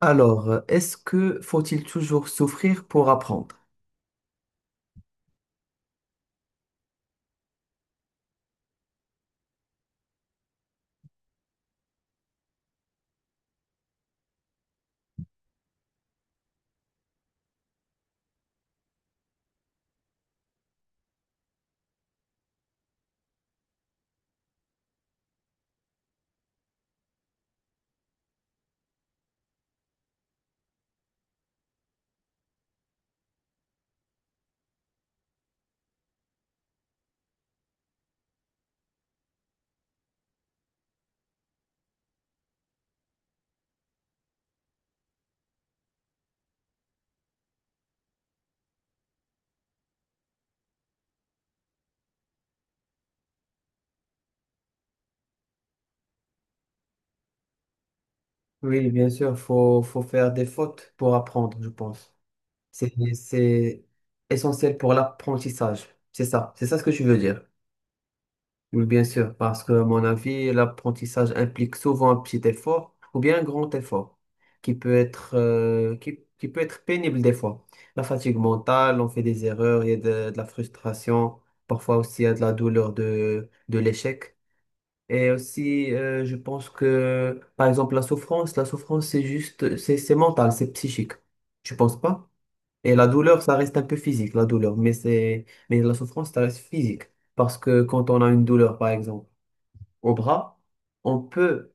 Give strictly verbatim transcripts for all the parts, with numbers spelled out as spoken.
Alors, est-ce que faut-il toujours souffrir pour apprendre? Oui, bien sûr, faut, faut faire des fautes pour apprendre, je pense. C'est, c'est essentiel pour l'apprentissage. C'est ça, c'est ça ce que tu veux dire. Oui, bien sûr, parce que à mon avis, l'apprentissage implique souvent un petit effort ou bien un grand effort qui peut être, euh, qui, qui peut être pénible des fois. La fatigue mentale, on fait des erreurs, il y a de, de la frustration, parfois aussi il y a de la douleur de, de l'échec. Et aussi, euh, je pense que, par exemple, la souffrance, la souffrance, c'est juste, c'est, c'est mental, c'est psychique. Tu penses pas? Et la douleur, ça reste un peu physique, la douleur, mais c'est, mais la souffrance, ça reste physique. Parce que quand on a une douleur, par exemple, au bras, on peut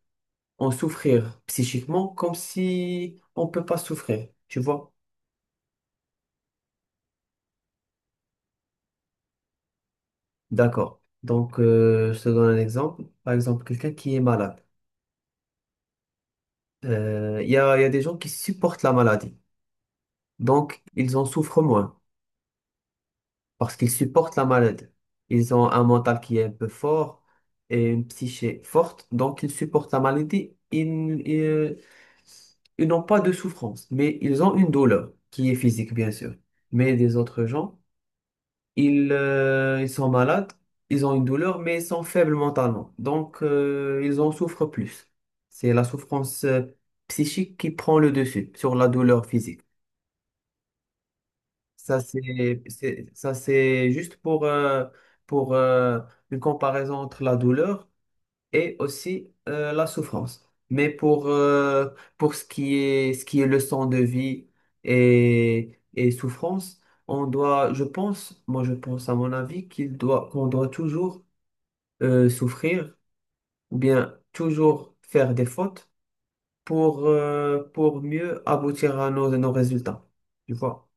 en souffrir psychiquement comme si on peut pas souffrir. Tu vois? D'accord. Donc, euh, je te donne un exemple. Par exemple, quelqu'un qui est malade. Euh, Il y a, il y a des gens qui supportent la maladie. Donc, ils en souffrent moins parce qu'ils supportent la maladie. Ils ont un mental qui est un peu fort et une psyché forte. Donc, ils supportent la maladie. Ils, ils- ils n'ont pas de souffrance, mais ils ont une douleur qui est physique, bien sûr. Mais des autres gens, ils, euh, ils sont malades, ils ont une douleur, mais ils sont faibles mentalement. Donc, euh, ils en souffrent plus. C'est la souffrance euh, psychique qui prend le dessus sur la douleur physique. Ça, c'est, c'est- ça, c'est juste pour, euh, pour euh, une comparaison entre la douleur et aussi euh, la souffrance. Mais pour, euh, pour ce qui est, ce qui est leçon de vie et, et souffrance, on doit, je pense, moi je pense à mon avis, qu'il doit, qu'on doit toujours euh, souffrir ou bien toujours faire des fautes pour, euh, pour mieux aboutir à nos, nos résultats. Tu vois?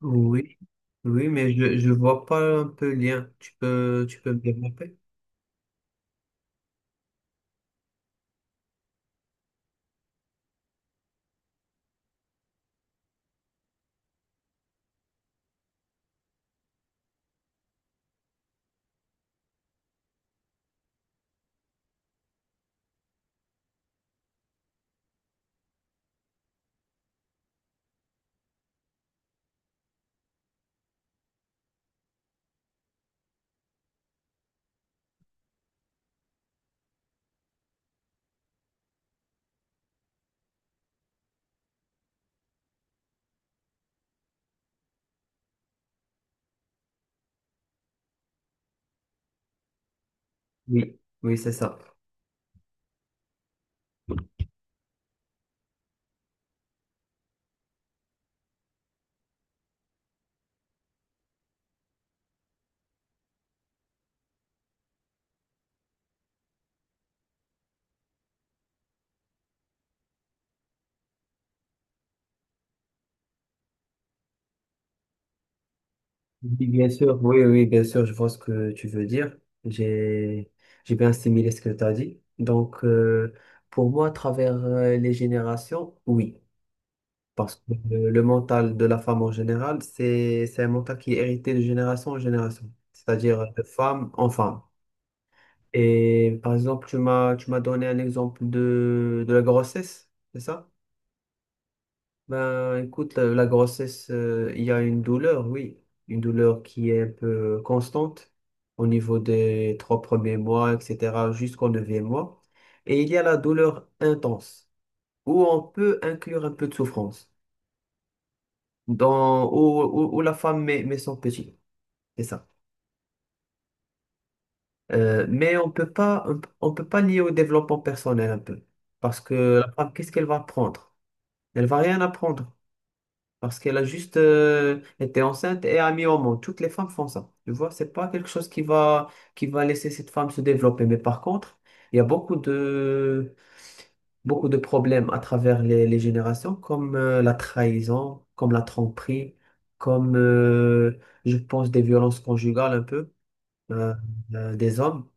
Oui, oui, mais je je vois pas un peu le lien. Tu peux, tu peux me développer? Oui. Oui, c'est ça. Oui, bien sûr, oui, oui, bien sûr, je vois ce que tu veux dire. J'ai, j'ai bien assimilé ce que tu as dit. Donc, euh, pour moi, à travers euh, les générations, oui. Parce que euh, le mental de la femme en général, c'est, c'est un mental qui est hérité de génération en génération. C'est-à-dire euh, de femme en femme. Et par exemple, tu m'as, tu m'as donné un exemple de, de la grossesse, c'est ça? Ben, écoute, la, la grossesse, euh, il y a une douleur, oui, une douleur qui est un peu constante au niveau des trois premiers mois, et cétéra, jusqu'au neuvième mois. Et il y a la douleur intense, où on peut inclure un peu de souffrance, dans, où, où- où la femme met, met son petit, c'est ça. Euh, mais on peut pas, on, p- on peut pas lier au développement personnel un peu, parce que la femme, qu'est-ce qu'elle va apprendre? Elle va rien apprendre. Parce qu'elle a juste euh, été enceinte et a mis au monde. Toutes les femmes font ça. Tu vois, c'est pas quelque chose qui va, qui va laisser cette femme se développer. Mais par contre, il y a beaucoup de, beaucoup de problèmes à travers les, les générations, comme euh, la trahison, comme la tromperie, comme, euh, je pense, des violences conjugales un peu euh, euh, des hommes.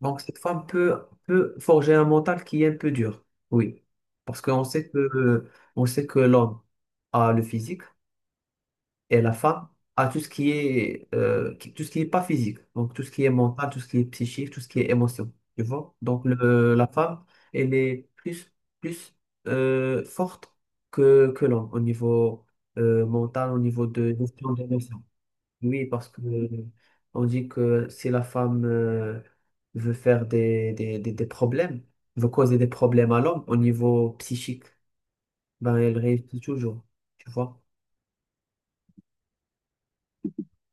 Donc, cette femme peut, peut forger un mental qui est un peu dur. Oui. Parce qu'on sait que, on sait que l'homme a le physique et la femme a tout ce qui est euh, qui- tout ce qui est pas physique, donc tout ce qui est mental, tout ce qui est psychique, tout ce qui est émotion, tu vois. Donc le, la femme elle est plus plus euh, forte que que l'homme au niveau euh, mental, au niveau de gestion d'émotion, oui, parce que euh, on dit que si la femme euh, veut faire des, des, des, des problèmes, veut causer des problèmes à l'homme au niveau psychique, ben elle réussit toujours, tu vois.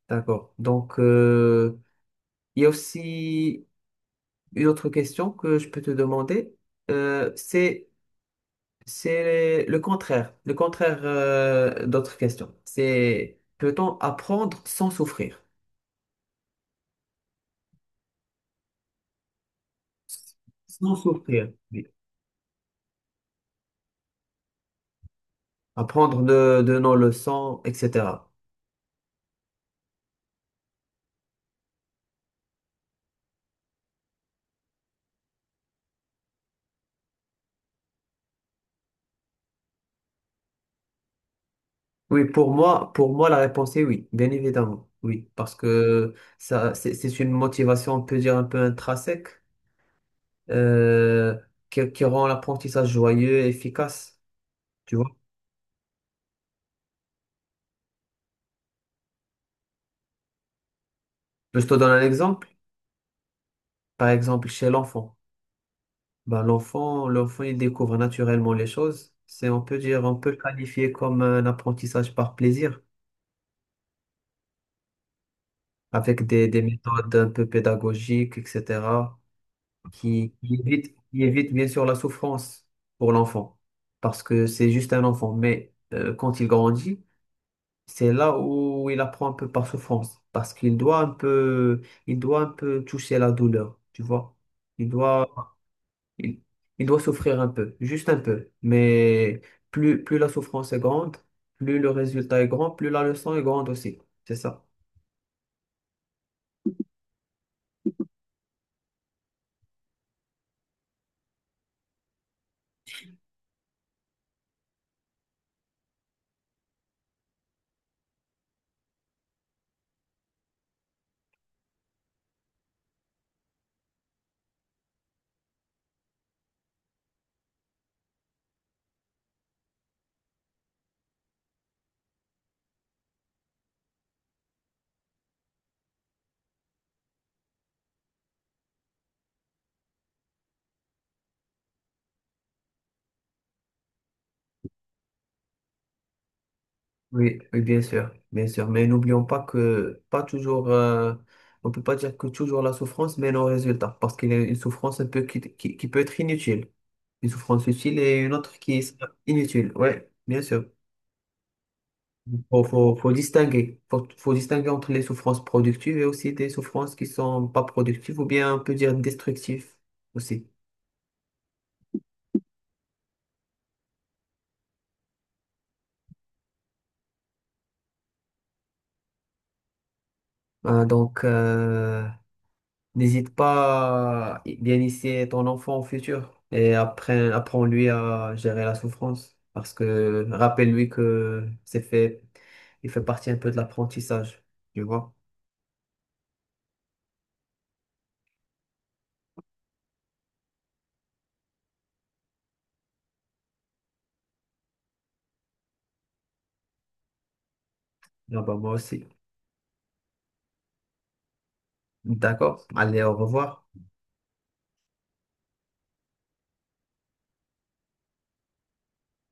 D'accord. Donc, euh, il y a aussi une autre question que je peux te demander. Euh, c'est, c'est le contraire, le contraire euh, d'autres questions. C'est peut-on apprendre sans souffrir? Sans souffrir. Oui. Apprendre de, de nos leçons, et cétéra. Oui, pour moi, pour moi, la réponse est oui, bien évidemment. Oui, parce que ça, c'est c'est une motivation, on peut dire, un peu intrinsèque, euh, qui, qui rend l'apprentissage joyeux et efficace. Tu vois? Je te donne un exemple. Par exemple, chez l'enfant. Ben, l'enfant, l'enfant, il découvre naturellement les choses. C'est, on peut dire, on peut le qualifier comme un apprentissage par plaisir, avec des, des méthodes un peu pédagogiques, et cétéra, qui, qui évite, qui évite bien sûr la souffrance pour l'enfant, parce que c'est juste un enfant. Mais euh, quand il grandit, c'est là où il apprend un peu par souffrance, parce qu'il doit un peu, il doit un peu toucher la douleur, tu vois. Il doit, il, il doit souffrir un peu, juste un peu. Mais plus, plus la souffrance est grande, plus le résultat est grand, plus la leçon est grande aussi. C'est ça. Oui, oui, bien sûr, bien sûr. Mais n'oublions pas que pas toujours, euh, on peut pas dire que toujours la souffrance mène au résultat, parce qu'il y a une souffrance un peu qui, qui, qui peut être inutile. Une souffrance utile et une autre qui est inutile. Oui, bien sûr. Faut, faut, faut distinguer. Faut, faut distinguer entre les souffrances productives et aussi des souffrances qui sont pas productives ou bien on peut dire destructives aussi. Euh, donc, euh, n'hésite pas à bien initier ton enfant au futur et apprends, apprends-lui à gérer la souffrance. Parce que rappelle-lui que c'est fait, il fait partie un peu de l'apprentissage. Tu vois? Ah bah moi aussi. D'accord. Allez, au revoir.